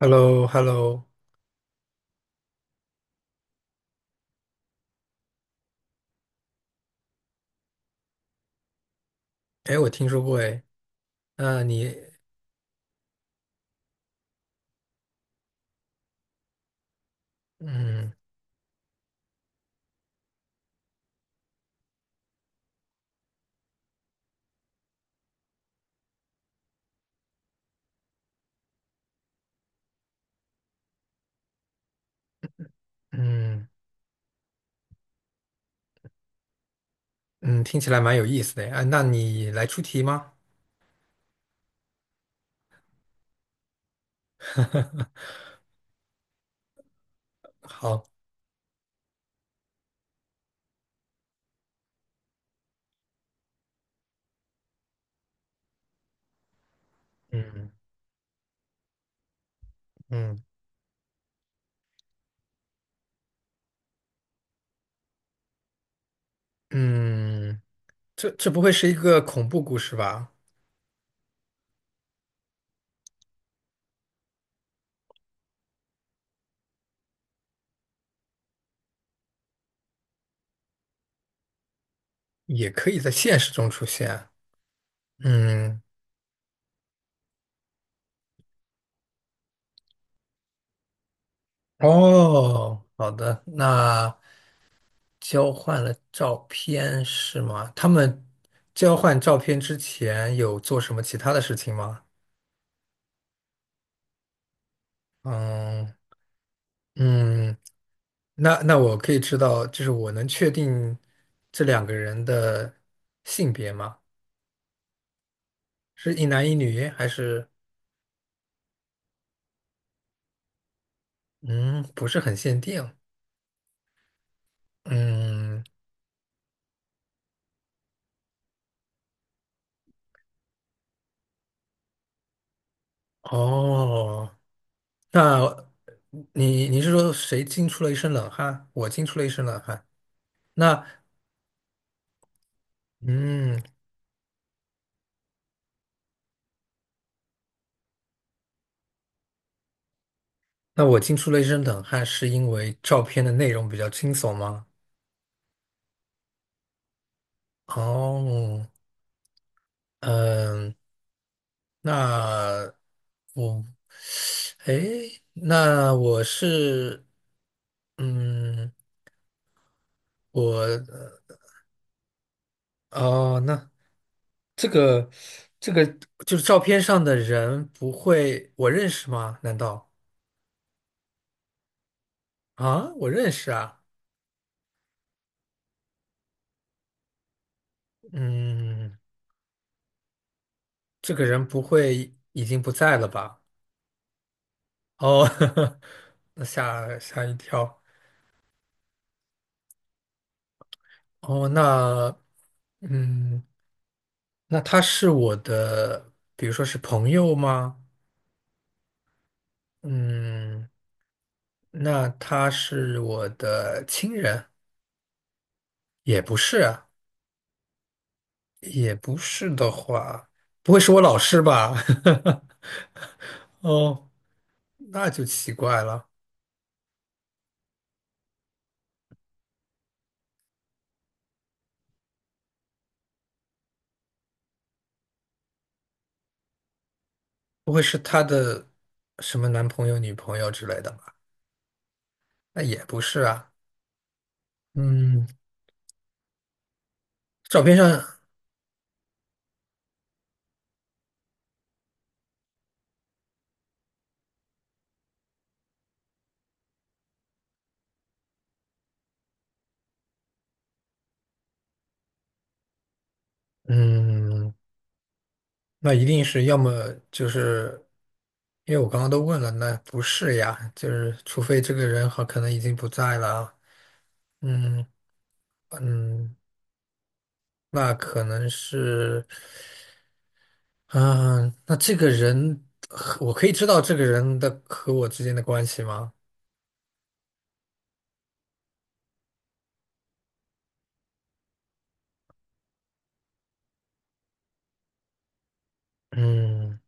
h e l l o h e l l o 哎，我听说过哎。那你，嗯嗯嗯，听起来蛮有意思的哎，啊那你来出题吗？好。嗯嗯嗯，这不会是一个恐怖故事吧？也可以在现实中出现。嗯，哦，好的，那交换了照片是吗？他们交换照片之前有做什么其他的事情吗？嗯。嗯，那我可以知道，就是我能确定这两个人的性别吗？是一男一女，还是嗯，不是很限定？嗯，哦，那你是说谁惊出了一身冷汗？我惊出了一身冷汗。那嗯，那我惊出了一身冷汗，是因为照片的内容比较惊悚吗？哦，嗯，那我那我是，嗯，我，哦，那这个，这个就是照片上的人不会我认识吗？难道啊，我认识啊。嗯，这个人不会已经不在了吧？哦，那吓一跳。哦，嗯，那他是我的，比如说是朋友吗？嗯。那他是我的亲人，也不是啊，也不是的话，不会是我老师吧？哦，那就奇怪了，不会是他的什么男朋友、女朋友之类的吧？那也不是啊。嗯，照片上，嗯，那一定是要么就是，因为我刚刚都问了，那不是呀，就是除非这个人好可能已经不在了啊。嗯嗯，那可能是，嗯、那这个人和，我可以知道这个人的和我之间的关系吗？嗯，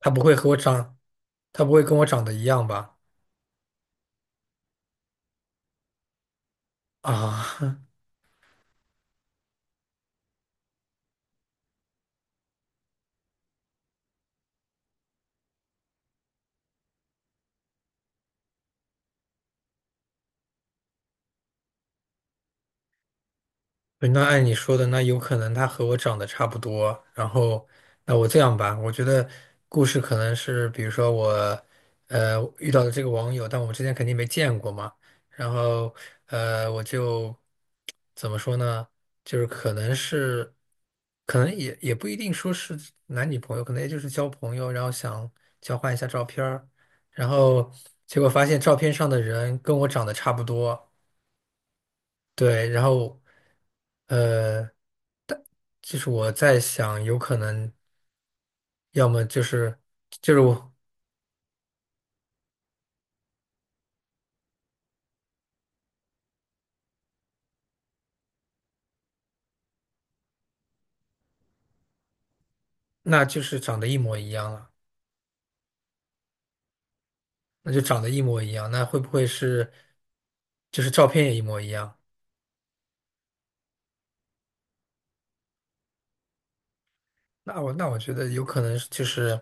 他不会和我长，他不会跟我长得一样吧？啊，对，那按你说的，那有可能他和我长得差不多。然后，那我这样吧，我觉得故事可能是，比如说我，遇到的这个网友，但我们之前肯定没见过嘛。然后，我就怎么说呢？就是可能是，可能也不一定说是男女朋友，可能也就是交朋友，然后想交换一下照片儿。然后结果发现照片上的人跟我长得差不多。对，然后，呃。就是我在想，有可能要么就是那就是长得一模一样了。那就长得一模一样，那会不会是就是照片也一模一样？那我觉得有可能是就是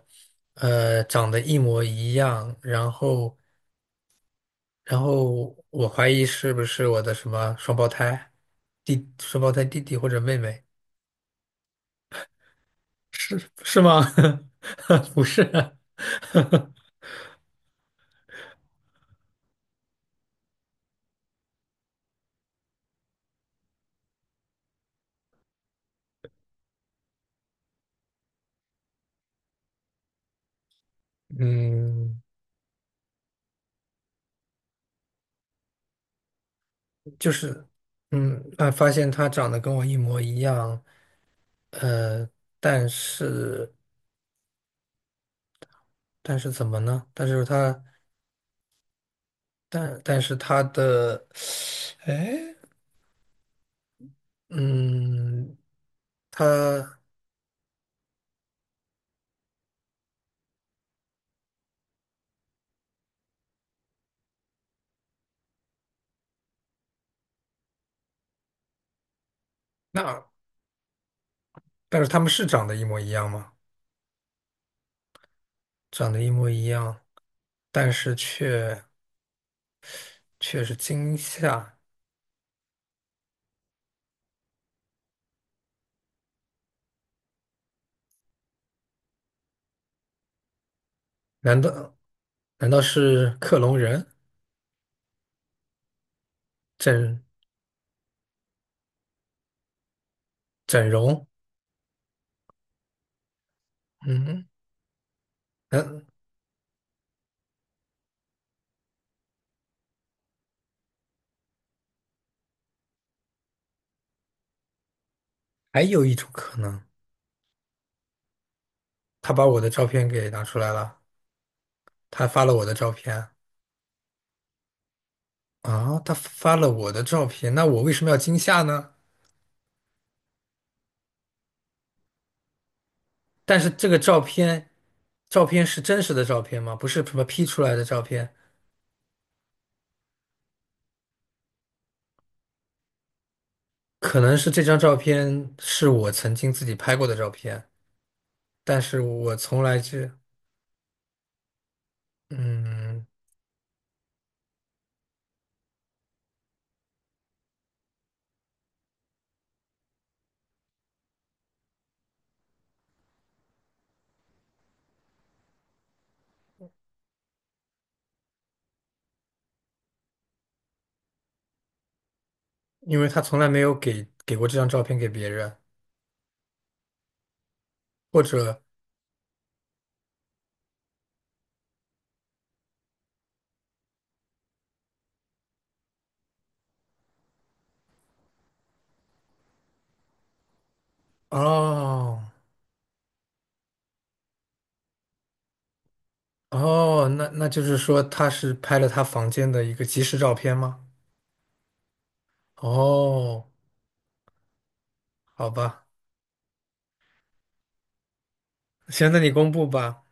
长得一模一样，然后我怀疑是不是我的什么双胞胎弟弟或者妹妹，是吗？不是啊，嗯。就是发现他长得跟我一模一样。呃，但是但是怎么呢？但是他但但是他的，哎，嗯，他那但是他们是长得一模一样吗？长得一模一样，但是却是惊吓。难道难道是克隆人，整整容？嗯，嗯，还有一种可能，他把我的照片给拿出来了。他发了我的照片啊，他发了我的照片，那我为什么要惊吓呢？但是照片是真实的照片吗？不是什么 P 出来的照片。可能是这张照片是我曾经自己拍过的照片，但是我从来就，嗯，因为他从来没有给过这张照片给别人，或者，哦，哦，那就是说他是拍了他房间的一个即时照片吗？哦，好吧，行，那你公布吧。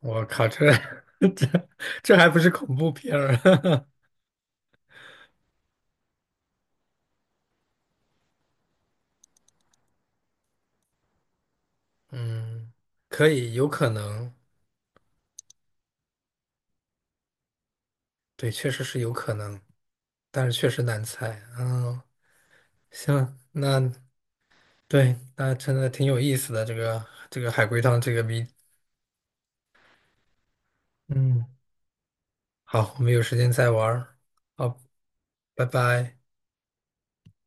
我靠，这这还不是恐怖片儿？嗯，可以，有可能。对，确实是有可能，但是确实难猜。嗯，行，那对，那真的挺有意思的这个海龟汤这个谜。嗯，好，我们有时间再玩儿。好，拜拜。